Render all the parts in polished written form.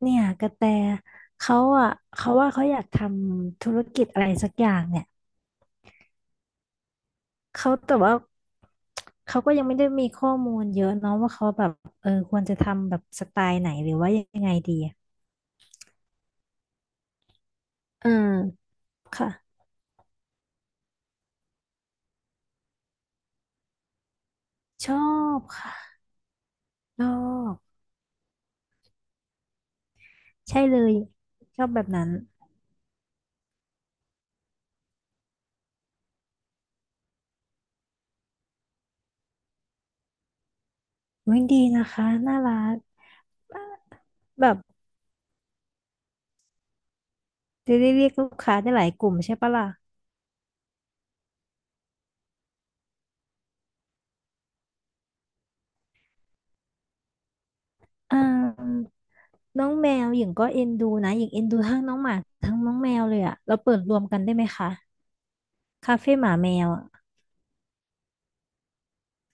เนี่ยกระแตเขาอ่ะเขาว่าเขาอยากทำธุรกิจอะไรสักอย่างเนี่ยเขาแต่ว่าเขาก็ยังไม่ได้มีข้อมูลเยอะเนาะว่าเขาแบบเออควรจะทำแบบสไตล์ไหนหรือว่ายังไงดีอะอืมค่ะชอบค่ะชอบใช่เลยชอบแบบนั้นวิ่งดีนะคะน่ารักแบบจะได้เรียกลูกค้าได้หลายกลุ่มใช่ปะล่ะอ่า น้องแมวหญิงก็เอ็นดูนะหญิงเอ็นดูทั้งน้องหมาทั้งน้องแมวเลยอะเราเปิดรวมกันได้ไหมคะคาเฟ่หมาแมวอะ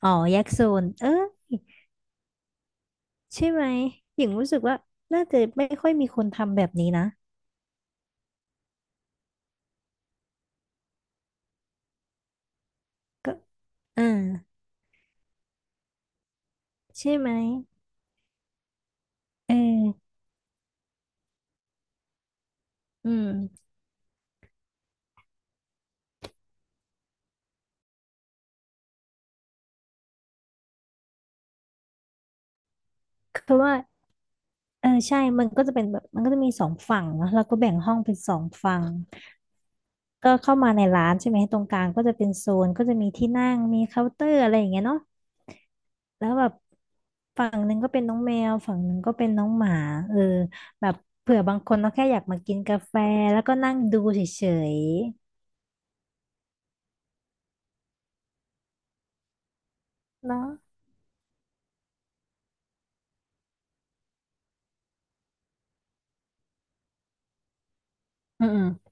อ๋อแยกโซนเออใช่ไหมหญิงรู้สึกว่าน่าจะไม่ค่อยมีคนทำแบบนี้นะก็อ่าใช่ไหมเอออืมคือว่าเออใช่มันก็จะเป็นแบบมันก็จะมีสองฝั่งเนอะแล้วก็แบ่งห้องเป็นสองฝั่งก็เข้ามาในร้านใช่ไหมตรงกลางก็จะเป็นโซนก็จะมีที่นั่งมีเคาน์เตอร์อะไรอย่างเงี้ยเนาะ แล้วแบบฝั่งหนึ่งก็เป็นน้องแมวฝั่งหนึ่งก็เป็นน้องหมาเออแบบเผื่อบางคนเขาแค่อยากมากินกาแฟแล้วก็นั่งดูเฉยๆเนาะอืมๆอืม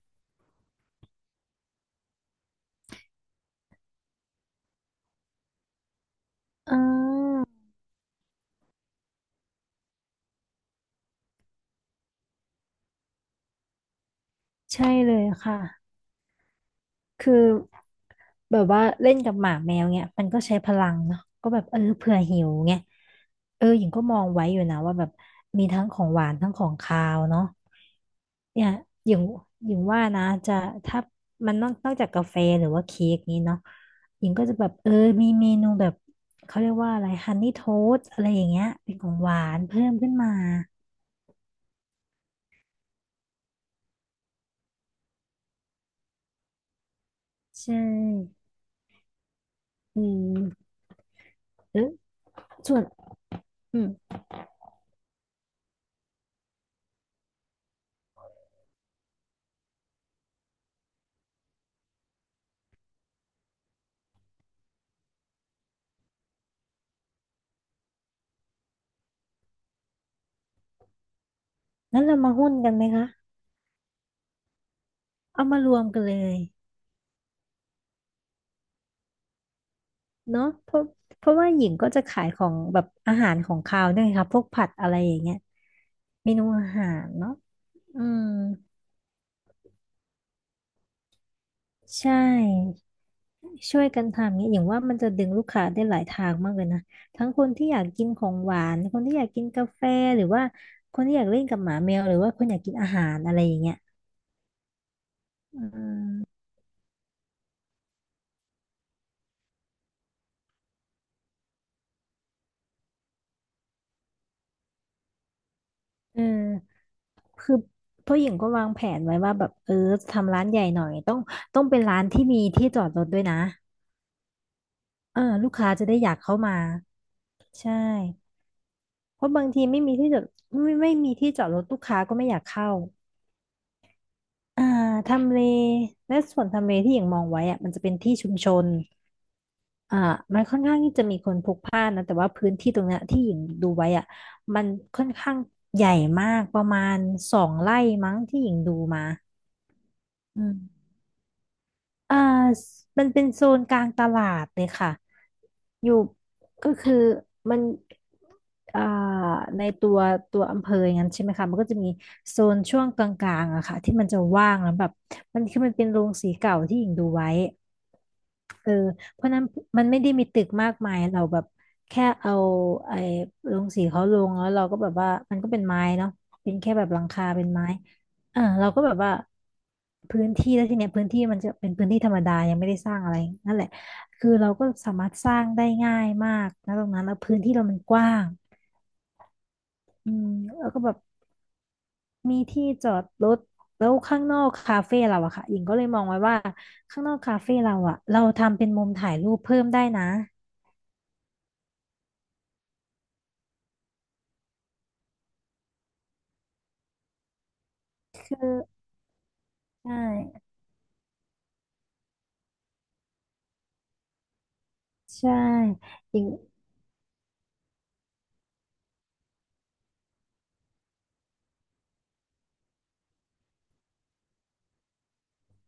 อ่าใช่เลยค่ะ คือแบบว่าเล่นกับหมาแมวเนี่ยมันก็ใช้พลังเนาะก็แบบเออเผื่อหิวไงเออหญิงก็มองไว้อยู่นะว่าแบบมีทั้งของหวานทั้งของคาวเนาะเนี่ยหญิงหญิงว่านะจะถ้ามันนอกจากกาแฟหรือว่าเค้กนี้เนาะหญิงก็จะแบบเออมีเมนูแบบเขาเรียกว่าอะไรฮันนี่โทสอะไรอย่างเงี้ยเป็นของหวานเพิ่มขึ้นมาใช่อืมเออส่วนอืมงั้นเรามาหุ้นกันไหมคะเอามารวมกันเลย เนาะเพราะว่าหญิงก็จะขายของแบบอาหารของคาวด้วยค่ะพวกผัดอะไรอย่างเงี้ยเมนูอาหารเนาะอืมใช่ ช่วยกันทำเงี้ยอย่างว่ามันจะดึงลูกค้าได้หลายทางมากเลยนะทั้งคนที่อยากกินของหวานคนที่อยากกินกาแฟหรือว่าคนที่อยากเล่นกับหมาแมวหรือว่าคนอยากกินอาหารอะไรอย่างเงี้ยอืมเออคือเพราะหญิงก็วางแผนไว้ว่าแบบเออทำร้านใหญ่หน่อยต้องเป็นร้านที่มีที่จอดรถด้วยนะ เออลูกค้าจะได้อยากเข้ามาใช่เพราะบางทีไม่มีที่จอดไม่มีที่จอดรถลูกค้าก็ไม่อยากเข้าอ่าทำเลและส่วนทำเลที่อย่างมองไว้อะมันจะเป็นที่ชุมชนอ่ามันค่อนข้างที่จะมีคนพลุกพล่านนะแต่ว่าพื้นที่ตรงเนี้ยที่หญิงดูไว้อะมันค่อนข้างใหญ่มากประมาณ2 ไร่มั้งที่หญิงดูมาอืม อ่ามันเป็นโซนกลางตลาดเลยค่ะ อยู่ก็คือมันอ่าในตัวอำเภออย่างนั้นใช่ไหมคะมันก็จะมีโซนช่วงกลางๆอะค่ะที่มันจะว่างแล้วแบบมันคือมันเป็นโรงสีเก่าที่หญิงดูไว้ เออเพราะนั้นมันไม่ได้มีตึกมากมายเราแบบแค่เอาไอ้ลงสีเขาลงแล้วเราก็แบบว่ามันก็เป็นไม้เนาะเป็นแค่แบบหลังคาเป็นไม้อ่าเราก็แบบว่าพื้นที่แล้วทีเนี้ยพื้นที่มันจะเป็นพื้นที่ธรรมดายังไม่ได้สร้างอะไรนั่นแหละคือเราก็สามารถสร้างได้ง่ายมากนะตรงนั้นแล้วพื้นที่เรามันกว้างอืมแล้วก็แบบมีที่จอดรถแล้วข้างนอกคาเฟ่เราอะค่ะหญิงก็เลยมองไว้ว่าข้างนอกคาเฟ่เราอะเราทำเป็นมุมถ่ายรูปเพิ่มได้นะ ก็ใช่ใช่อย่าง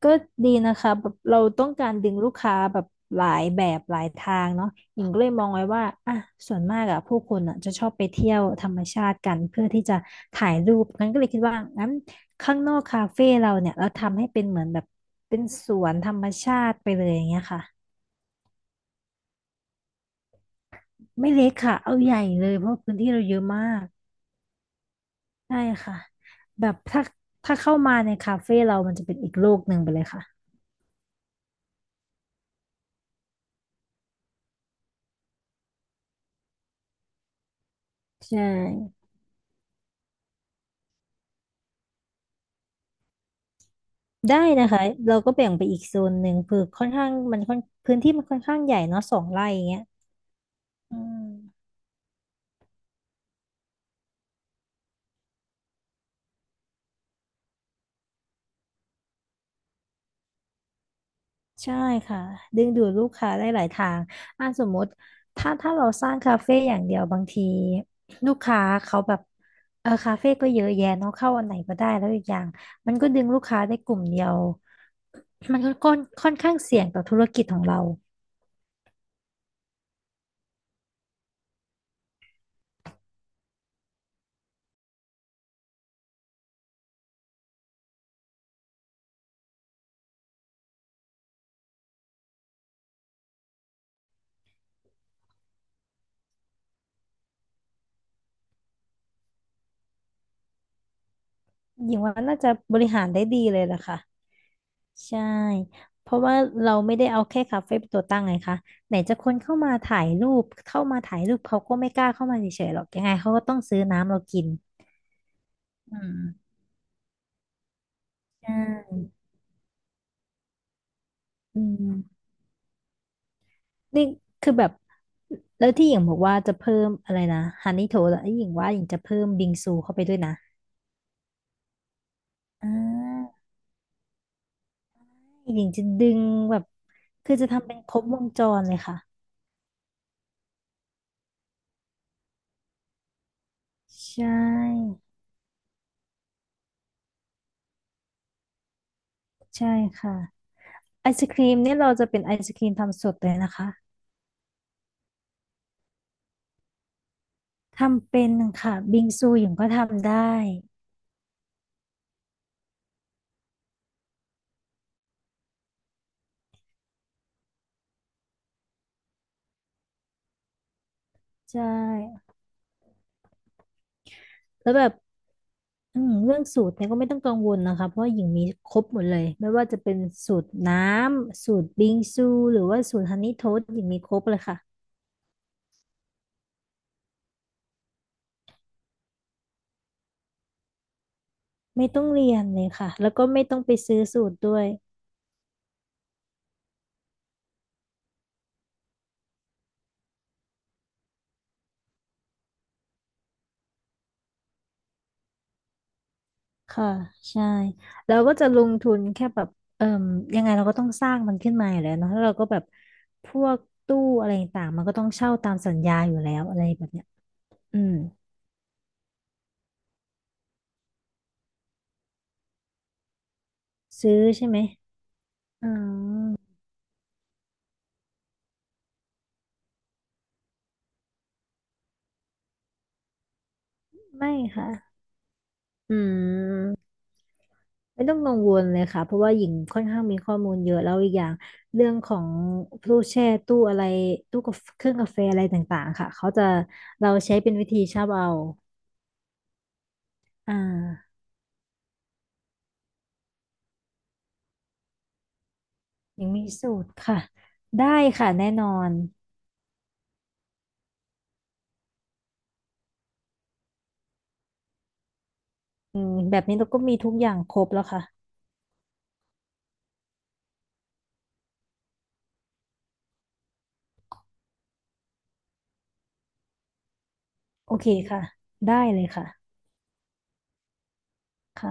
ก็ดีนะคะแบบเราต้องการดึงลูกค้าแบบหลายแบบหลายทางเนาะหญิงก็เลยมองไว้ว่าอ่ะส่วนมากอะผู้คนอะจะชอบไปเที่ยวธรรมชาติกันเพื่อที่จะถ่ายรูปงั้นก็เลยคิดว่างั้นข้างนอกคาเฟ่เราเนี่ยเราทำให้เป็นเหมือนแบบเป็นสวนธรรมชาติไปเลยอย่างเงี้ยค่ะไม่เล็กค่ะเอาใหญ่เลยเพราะพื้นที่เราเยอะมากใช่ค่ะแบบถ้าเข้ามาในคาเฟ่เรามันจะเป็นอีกโลกหนึ่งไปเลยค่ะใช่ ได้นะคะเราก็แบ่งไปอีกโซนหนึ่งคือค่อนข้างมันค่อนพื้นที่มันค่อนข้างใหญ่เนาะ2 ไร่อย่างเงี้ยอืมใช่ค่ะดึงดูดลูกค้าได้หลายทางอ่ะสมมติถ้าเราสร้างคาเฟ่อย่างเดียวบางทีลูกค้าเขาแบบเออคาเฟ่ก็เยอะแยะเนาะเข้าอันไหนก็ได้แล้วอีกอย่างมันก็ดึงลูกค้าได้กลุ่มเดียวมันก็ค่อนข้างเสี่ยงต่อธุรกิจของเราอย่างว่าน่าจะบริหารได้ดีเลยล่ะค่ะ ใช่เพราะว่าเราไม่ได้เอาแค่คาเฟ่เป็นตัวตั้งไงคะไหนจะคนเข้ามาถ่ายรูปเข้ามาถ่ายรูปเขาก็ไม่กล้าเข้ามาเฉยๆหรอกยังไงเขาก็ต้องซื้อน้ำเรากินอืมใช่อืมนี่คือแบบแล้วที่หญิงบอกว่าจะเพิ่มอะไรนะฮันนี่โถแล้วหญิงว่าหญิงจะเพิ่มบิงซูเข้าไปด้วยนะอ่าหญิงจะดึงแบบคือจะทำเป็นครบวงจรเลยค่ะใช่ใช่ค่ะไอศครีมเนี่ยเราจะเป็นไอศครีมทำสดเลยนะคะ ทำเป็นค่ะบิงซูหยงก็ทำได้ใช่แล้วแบบอืมเรื่องสูตรเนี่ยก็ไม่ต้องกังวลนะคะเพราะว่าหญิงมีครบหมดเลยไม่ว่าจะเป็นสูตรน้ำสูตรบิงซูหรือว่าสูตรฮันนี่โทสต์หญิงมีครบเลยค่ะไม่ต้องเรียนเลยค่ะแล้วก็ไม่ต้องไปซื้อสูตรด้วยค่ะใช่เราก็จะลงทุนแค่แบบเอ่มยังไงเราก็ต้องสร้างมันขึ้นมาอยู่แล้วเนาะแล้วเราก็แบบพวกตู้อะไรต่างๆมันก็ต้องเช่าตามสัญญาอยู่แล้วอะไรแบบเนี้ยอืมซื้อใช่ไหม อ๋อไม่ค่ะอืมไม่ต้องกังวลเลยค่ะเพราะว่าหญิงค่อนข้างมีข้อมูลเยอะแล้วอีกอย่างเรื่องของตู้แช่ตู้อะไรตู้กาแฟเครื่องกาแฟอะไรต่างๆค่ะเขาจะเราใช้เป็นวิธีชอบเอาอ่าหญิงมีสูตรค่ะได้ค่ะแน่นอนอืมแบบนี้เราก็มีทุกอย่างครบแล้วค่ะโอเคค่ะได้เลยค่ะค่ะ